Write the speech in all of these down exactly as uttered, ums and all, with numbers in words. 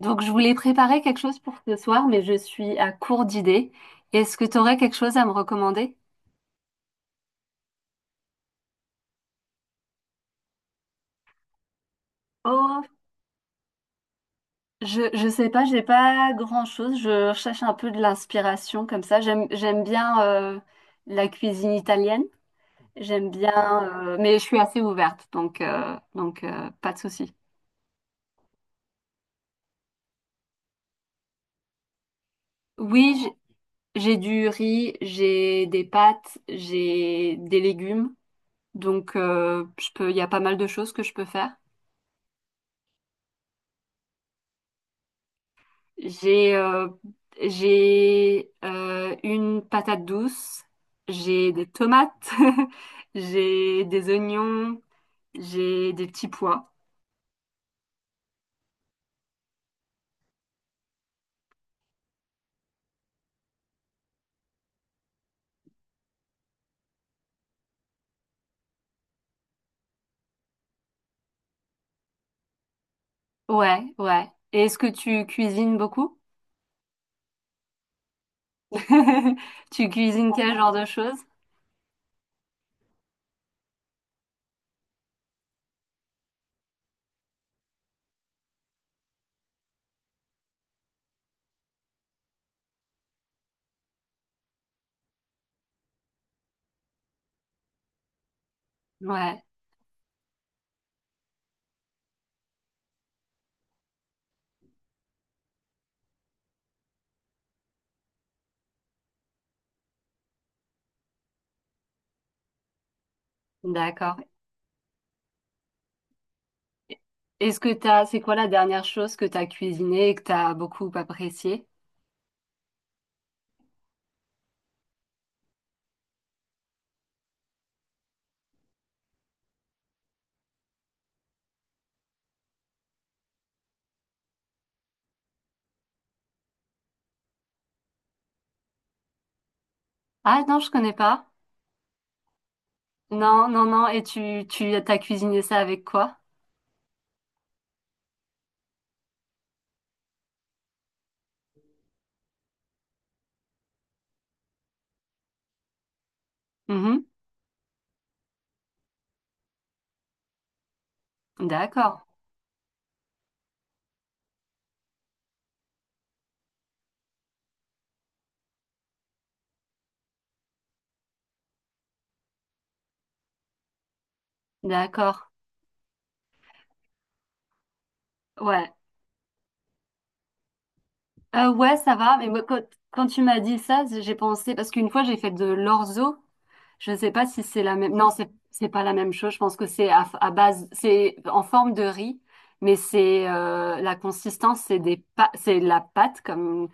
Donc, je voulais préparer quelque chose pour ce soir, mais je suis à court d'idées. Est-ce que tu aurais quelque chose à me recommander? Oh, je, je sais pas, j'ai pas grand-chose. Je cherche un peu de l'inspiration comme ça. J'aime, j'aime bien euh, la cuisine italienne. J'aime bien, euh, mais je suis assez ouverte, donc, euh, donc euh, pas de souci. Oui, j'- j'ai du riz, j'ai des pâtes, j'ai des légumes. Donc, euh, je peux, il y a pas mal de choses que je peux faire. J'ai euh, j'ai euh, une patate douce, j'ai des tomates, j'ai des oignons, j'ai des petits pois. Ouais, ouais. Et est-ce que tu cuisines beaucoup? Tu cuisines quel genre de choses? Ouais, d'accord. Est-ce que t'as, c'est quoi la dernière chose que t'as cuisinée et que t'as beaucoup appréciée? Ah non, je connais pas. Non, non, non. Et tu, tu, t'as cuisiné ça avec quoi? Mhm. D'accord, d'accord. Ouais. Euh, ouais, ça va, mais moi, quand, quand tu m'as dit ça, j'ai pensé, parce qu'une fois j'ai fait de l'orzo, je ne sais pas si c'est la même, non, c'est, c'est pas la même chose, je pense que c'est à, à base, c'est en forme de riz, mais c'est euh, la consistance, c'est des pa- c'est de la pâte, comme,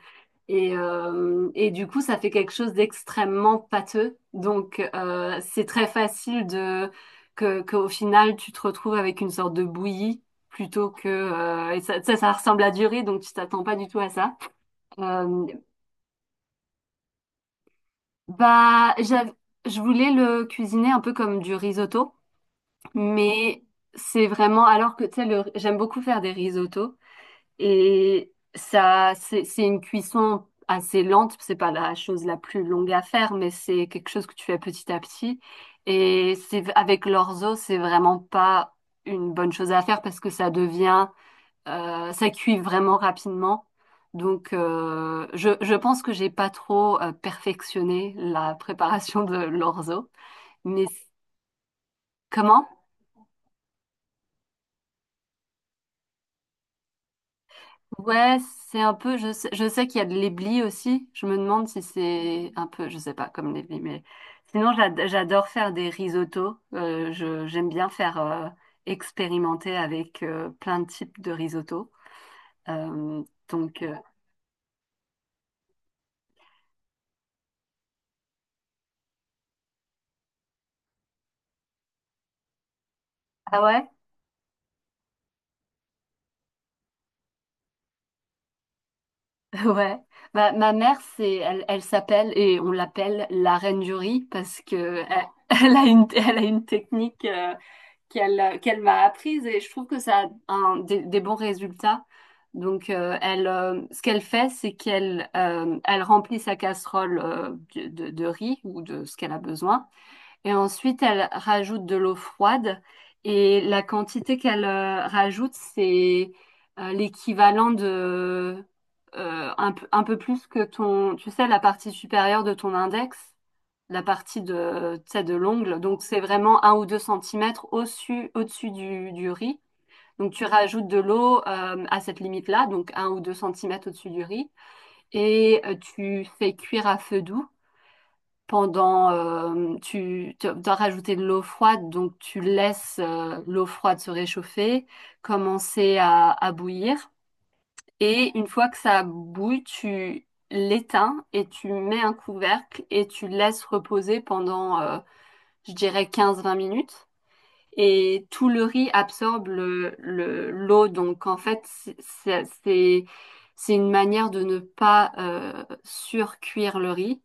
et, euh, et du coup, ça fait quelque chose d'extrêmement pâteux, donc euh, c'est très facile de, que, qu'au final, tu te retrouves avec une sorte de bouillie. Plutôt que... euh, et ça, ça, ça ressemble à du riz, donc tu t'attends pas du tout à ça. Euh, bah, j'av- je voulais le cuisiner un peu comme du risotto, mais c'est vraiment alors que tu sais, le- j'aime beaucoup faire des risottos et ça, c'est c'est une cuisson assez lente. C'est pas la chose la plus longue à faire, mais c'est quelque chose que tu fais petit à petit. Et c'est avec l'orzo, c'est vraiment pas une bonne chose à faire parce que ça devient Euh, ça cuit vraiment rapidement. Donc, euh, je, je pense que j'ai pas trop euh, perfectionné la préparation de l'orzo. Mais c- Comment? Ouais, c'est un peu. Je sais, je sais qu'il y a de l'éblis aussi. Je me demande si c'est un peu, je sais pas, comme l'éblis. Mais sinon, j'ad- j'adore faire des risottos. Euh, je, j'aime bien faire euh, expérimenter avec euh, plein de types de risottos. Euh, donc, euh, ah ouais? Ouais, bah, ma mère, c'est, elle, elle s'appelle et on l'appelle la reine du riz parce que elle, elle a une, elle a une technique euh, qu'elle, qu'elle m'a apprise et je trouve que ça a un- des, des bons résultats. Donc, euh, elle, euh, ce qu'elle fait, c'est qu'elle, euh, elle remplit sa casserole euh, de, de de riz ou de ce qu'elle a besoin. Et ensuite, elle rajoute de l'eau froide et la quantité qu'elle euh, rajoute, c'est euh, l'équivalent de euh, un, peu un peu plus que ton, tu sais, la partie supérieure de ton index, la partie de, tu sais, de l'ongle. Donc, c'est vraiment un ou deux centimètres au-dessus, au-dessus du, du riz. Donc, tu rajoutes de l'eau euh, à cette limite-là, donc un ou deux centimètres au-dessus du riz, et euh, tu fais cuire à feu doux pendant, euh, tu, tu dois rajouter de l'eau froide, donc tu laisses euh, l'eau froide se réchauffer, commencer à, à bouillir. Et une fois que ça bouille, tu l'éteins et tu mets un couvercle et tu laisses reposer pendant, euh, je dirais, quinze vingt minutes. Et tout le riz absorbe le, le- l'eau. Donc en fait, c'est, c'est, c'est c'est une manière de ne pas euh, surcuire le riz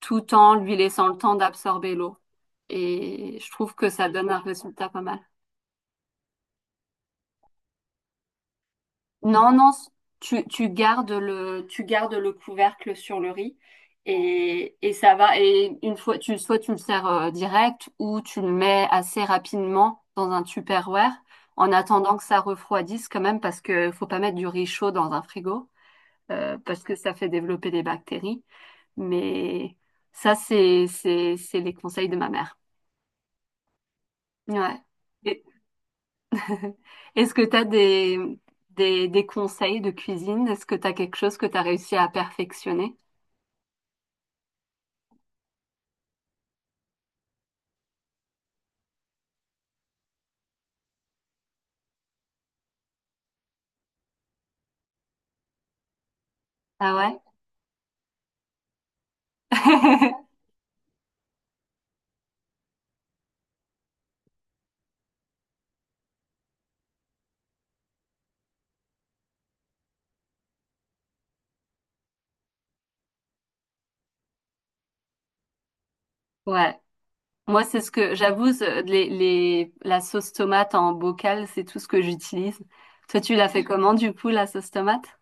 tout en lui laissant le temps d'absorber l'eau et je trouve que ça donne un résultat pas mal. Non, non, c- tu, tu gardes le, tu gardes le couvercle sur le riz et, et ça va. Et une fois, tu, soit tu le sers euh, direct ou tu le mets assez rapidement dans un Tupperware en attendant que ça refroidisse quand même parce que faut pas mettre du riz chaud dans un frigo euh, parce que ça fait développer des bactéries. Mais ça, c'est, c'est, c'est les conseils de ma mère. Ouais. Et- Est-ce que tu as des, des, des conseils de cuisine? Est-ce que tu as quelque chose que tu as réussi à perfectionner? Ah ouais? Ouais. Moi, c'est ce que j'avoue, ce- les, les, la sauce tomate en bocal, c'est tout ce que j'utilise. Toi, tu l'as fait comment, du coup, la sauce tomate?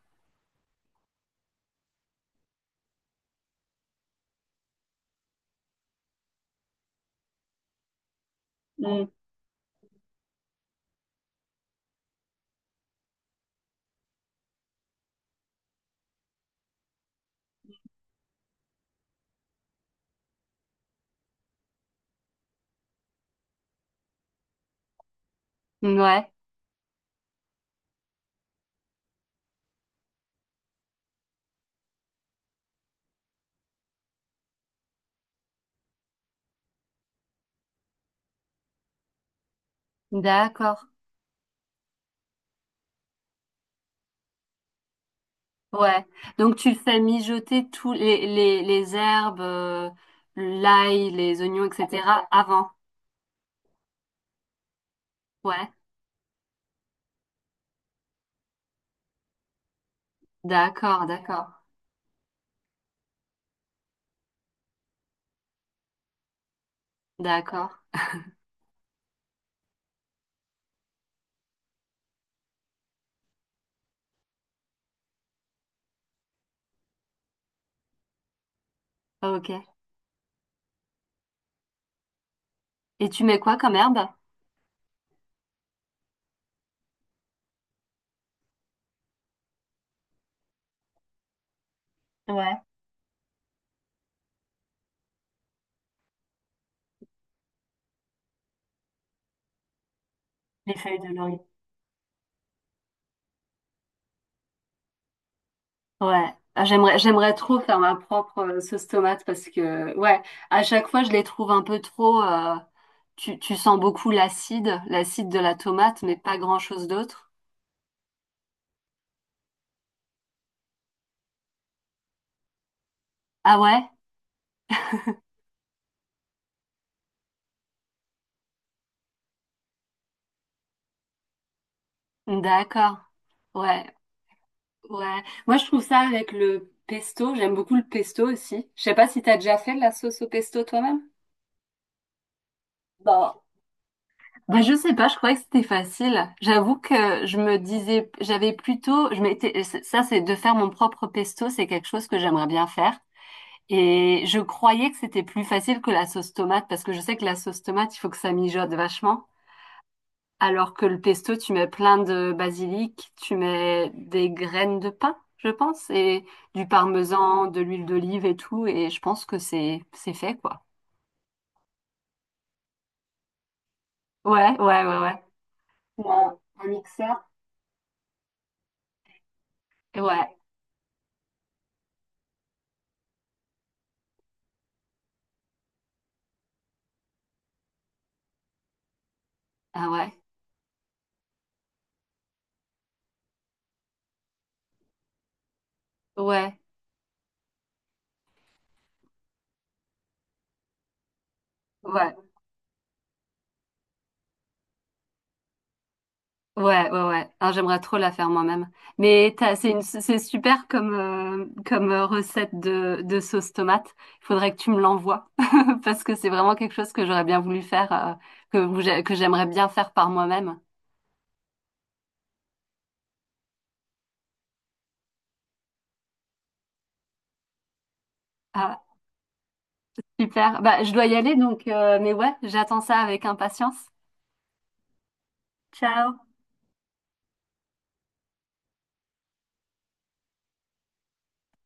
Mm. Ouais, d'accord. Ouais. Donc, tu fais mijoter tous les, les, les herbes, euh, l'ail, les oignons, et cetera avant. Ouais. D'accord, d'accord, d'accord. Ok. Et tu mets quoi comme herbe? Ouais, les feuilles de laurier. Ouais, ah, j'aimerais j'aimerais trop faire ma propre euh, sauce tomate parce que ouais, à chaque fois je les trouve un peu trop euh, tu tu sens beaucoup l'acide, l'acide, de la tomate mais pas grand-chose d'autre. Ah ouais? D'accord. Ouais, ouais. Moi je trouve ça avec le pesto, j'aime beaucoup le pesto aussi. Je sais pas si t'as déjà fait de la sauce au pesto toi-même? Bon, bah, je sais pas, je croyais que c'était facile. J'avoue que je me disais, j'avais plutôt, je m'étais, ça c'est de faire mon propre pesto, c'est quelque chose que j'aimerais bien faire. Et je croyais que c'était plus facile que la sauce tomate, parce que je sais que la sauce tomate, il faut que ça mijote vachement. Alors que le pesto, tu mets plein de basilic, tu mets des graines de pain, je pense, et du parmesan, de l'huile d'olive et tout, et je pense que c'est, c'est fait, quoi. Ouais, ouais, ouais, ouais. Ou Un un mixeur. Ouais, ah ouais. Ouais, ouais, ouais, ouais, ouais. Ah, j'aimerais trop la faire moi-même. Mais t'as- c'est une, c'est super comme, euh, comme euh, recette de, de sauce tomate. Il faudrait que tu me l'envoies parce que c'est vraiment quelque chose que j'aurais bien voulu faire, euh, que, vous- que j'aimerais bien faire par moi-même. Ah, super. Bah, je dois y aller donc, euh, mais ouais, j'attends ça avec impatience. Ciao.